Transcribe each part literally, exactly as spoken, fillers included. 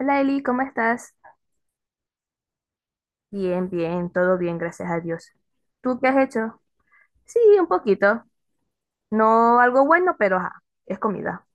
Hola Eli, ¿cómo estás? Bien, bien, todo bien, gracias a Dios. ¿Tú qué has hecho? Sí, un poquito. No algo bueno, pero ajá, es comida.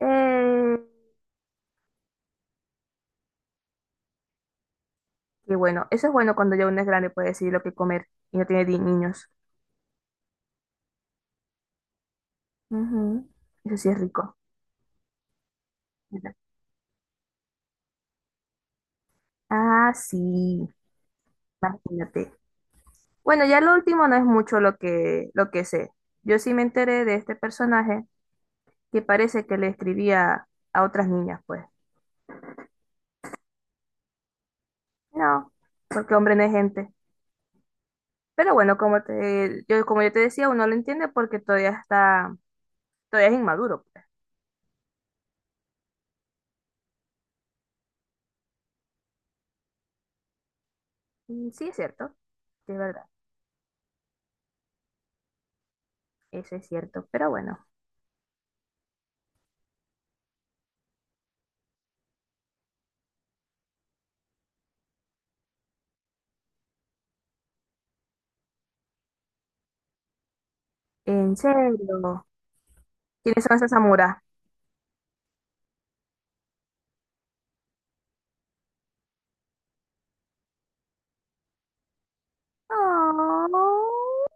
Eh, y bueno, eso es bueno cuando ya uno es grande puede decidir lo que comer y no tiene di- niños. Ujú. Eso sí es rico. Ah, sí, imagínate. Bueno, ya lo último no es mucho lo que, lo que sé. Yo sí me enteré de este personaje que parece que le escribía a otras niñas, pues. No, porque hombre no es gente. Pero bueno, como te, yo, como yo te decía, uno lo entiende porque todavía está, todavía es inmaduro, pues. Mm, sí, es cierto, sí, es verdad, eso es cierto. Pero bueno, en serio, ¿quiénes son esas samuras? Oh,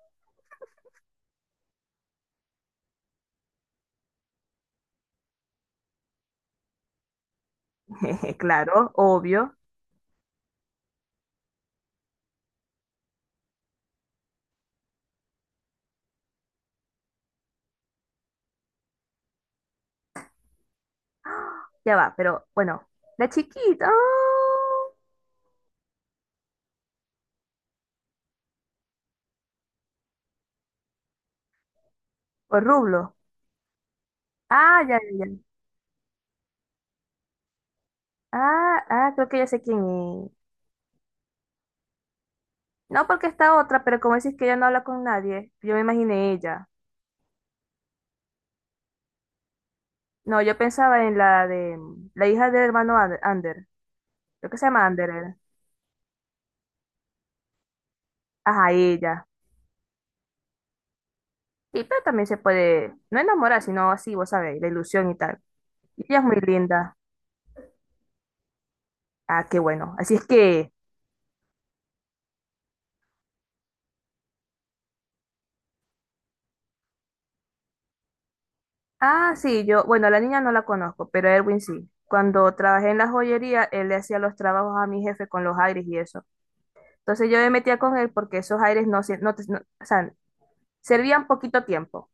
claro, obvio, ya va, pero bueno, la chiquita, oh, o Rublo. Ah, ya, ya, ya. Ah, ah, creo que ya sé quién es. No porque está otra, pero como decís que ella no habla con nadie, yo me imaginé ella. No, yo pensaba en la de la hija del hermano Ander, Ander. Creo que se llama Ander. Era. Ajá, ella. Y pero también se puede, no enamorar, sino así, vos sabés, la ilusión y tal. Y ella es muy linda. Ah, qué bueno. Así es que, ah, sí, yo, bueno, la niña no la conozco, pero Erwin sí. Cuando trabajé en la joyería, él le hacía los trabajos a mi jefe con los aires y eso. Entonces yo me metía con él porque esos aires no, se- no, te- no- o sea, servían poquito tiempo.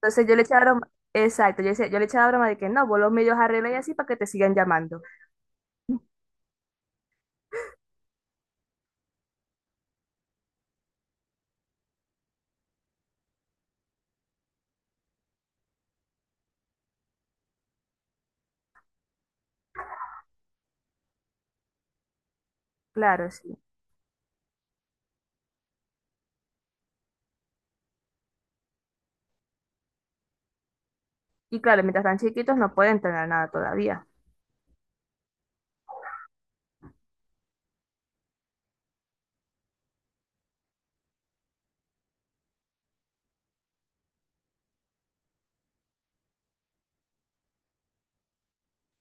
Entonces yo le echaba broma, exacto, yo, decía- yo le echaba broma de que no, vos los medios arregla y así para que te sigan llamando. Claro, sí. Y claro, mientras están chiquitos no pueden tener nada todavía.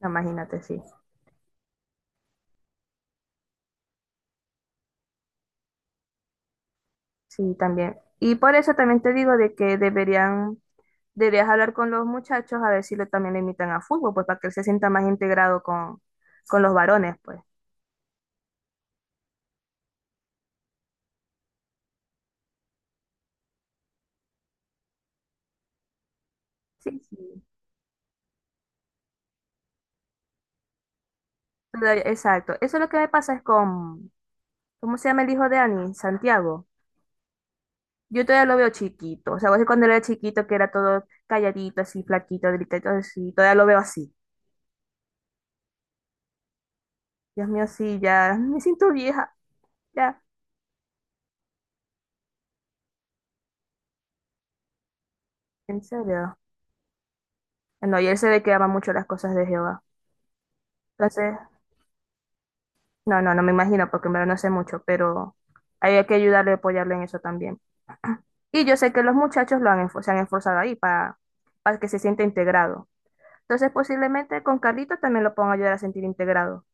Imagínate, sí. Sí, también. Y por eso también te digo de que deberían, deberías hablar con los muchachos a ver si lo, también le invitan a fútbol, pues para que él se sienta más integrado con, con los varones, pues. Sí, sí. Pero, exacto. Eso es lo que me pasa es con, ¿cómo se llama el hijo de Ani? Santiago. Yo todavía lo veo chiquito. O sea, vos cuando era chiquito que era todo calladito, así, flaquito, delicadito, así. Todavía lo veo así. Dios mío, sí, ya me siento vieja. Ya, en serio. No, y él se ve que ama mucho las cosas de Jehová. Entonces, no, no, no me imagino porque en verdad no sé mucho, pero hay que ayudarle y apoyarle en eso también. Y yo sé que los muchachos lo han, esfor- se han esforzado ahí para, para que se sienta integrado. Entonces, posiblemente con Carlito también lo puedan ayudar a sentir integrado.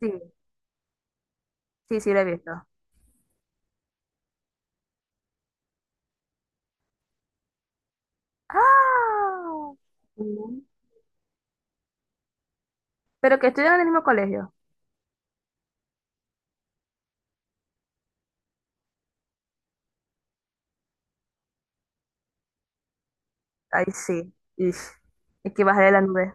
Sí, sí, sí, lo he visto. Ah, Ujú. Pero que estudian en el mismo colegio. Ay, sí. Ish. Es que bajé de la nube.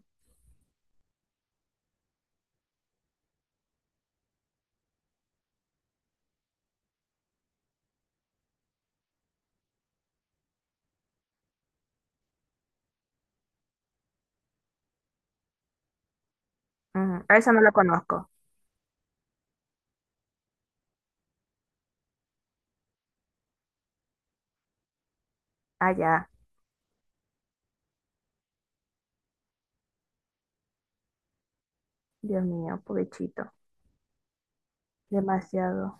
Ujú. A esa no la conozco. Ah, ya. Dios mío, pobrecito. Demasiado.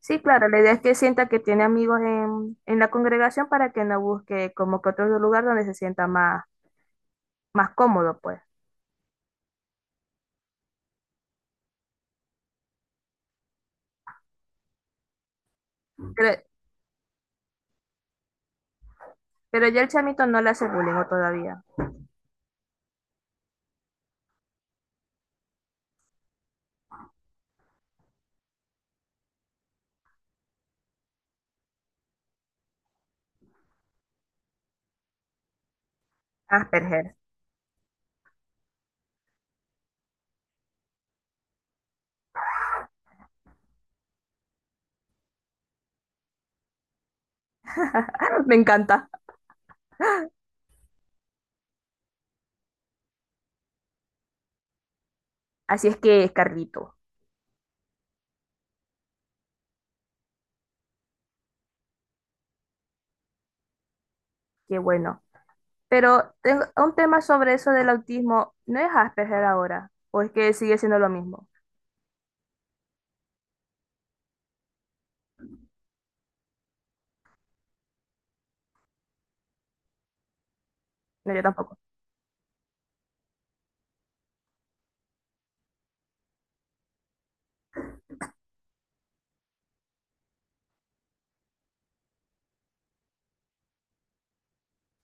Sí, claro, la idea es que sienta que tiene amigos en, en la congregación para que no busque como que otro lugar donde se sienta más, más cómodo, pues. Pero, pero ya el chamito no le hace bullying o todavía. Asperger. Me encanta. Así es que, Carlito, qué bueno. Pero tengo un tema sobre eso del autismo. ¿No es Asperger ahora? ¿O es que sigue siendo lo mismo? No, yo tampoco.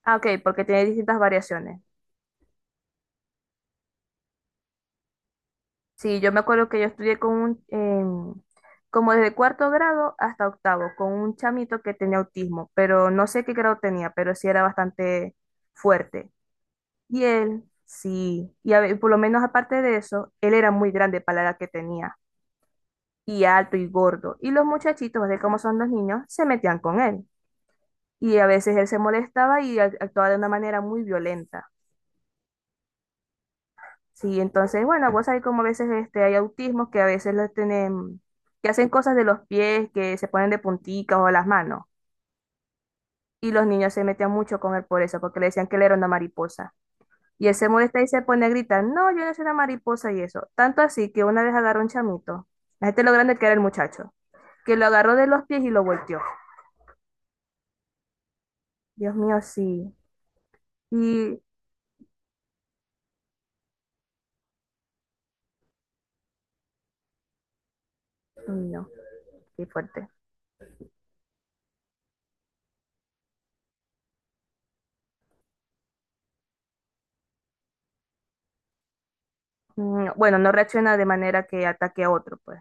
Ah, ok, porque tiene distintas variaciones. Sí, yo me acuerdo que yo estudié con un, em, como desde cuarto grado hasta octavo, con un chamito que tenía autismo, pero no sé qué grado tenía, pero sí era bastante fuerte. Y él, sí, y a ve- por lo menos aparte de eso, él era muy grande para la edad que tenía, y alto y gordo. Y los muchachitos, de cómo son los niños, se metían con él. Y a veces él se molestaba y ac- actuaba de una manera muy violenta. Sí, entonces, bueno, vos sabés como a veces este, hay autismos que a veces los tienen, que hacen cosas de los pies, que se ponen de punticas o las manos. Y los niños se metían mucho con él por eso, porque le decían que él era una mariposa. Y él se molesta y se pone a gritar, no, yo no soy una mariposa y eso. Tanto así que una vez agarró un chamito, la gente lo grande que era el muchacho, que lo agarró de los pies y lo volteó. Dios mío, sí. Y, uy, no, qué fuerte. Mm, bueno, no reacciona de manera que ataque a otro, pues.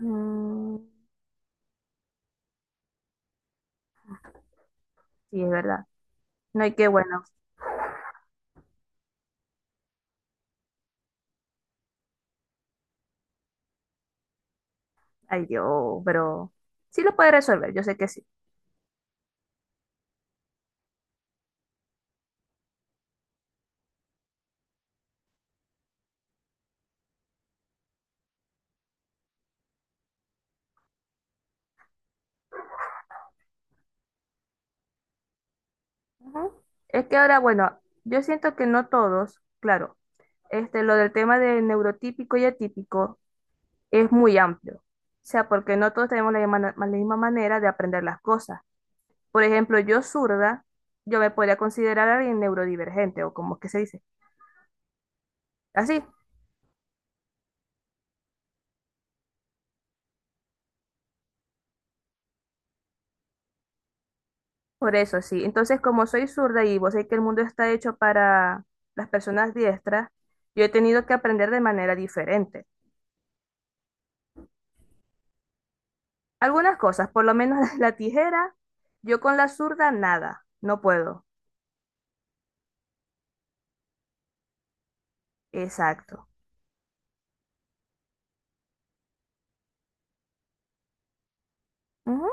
Mm, sí, es verdad. No hay que, bueno, ay Dios, pero sí lo puede resolver, yo sé que sí. Ujú. Es que ahora, bueno, yo siento que no todos, claro, este, lo del tema de neurotípico y atípico es muy amplio. O sea, porque no todos tenemos la misma, la misma manera de aprender las cosas. Por ejemplo, yo zurda, yo me podría considerar alguien neurodivergente, o como que se dice, así. Por eso, sí. Entonces, como soy zurda y vos sabés que el mundo está hecho para las personas diestras, yo he tenido que aprender de manera diferente. Algunas cosas, por lo menos la tijera, yo con la zurda nada, no puedo. Exacto. Ujú.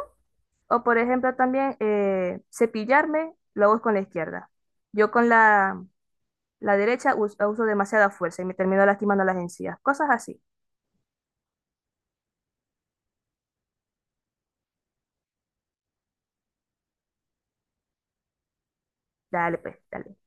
O por ejemplo también eh, cepillarme, lo hago con la izquierda. Yo con la, la derecha us- uso demasiada fuerza y me termino lastimando las encías. Cosas así. Dale, pues, dale.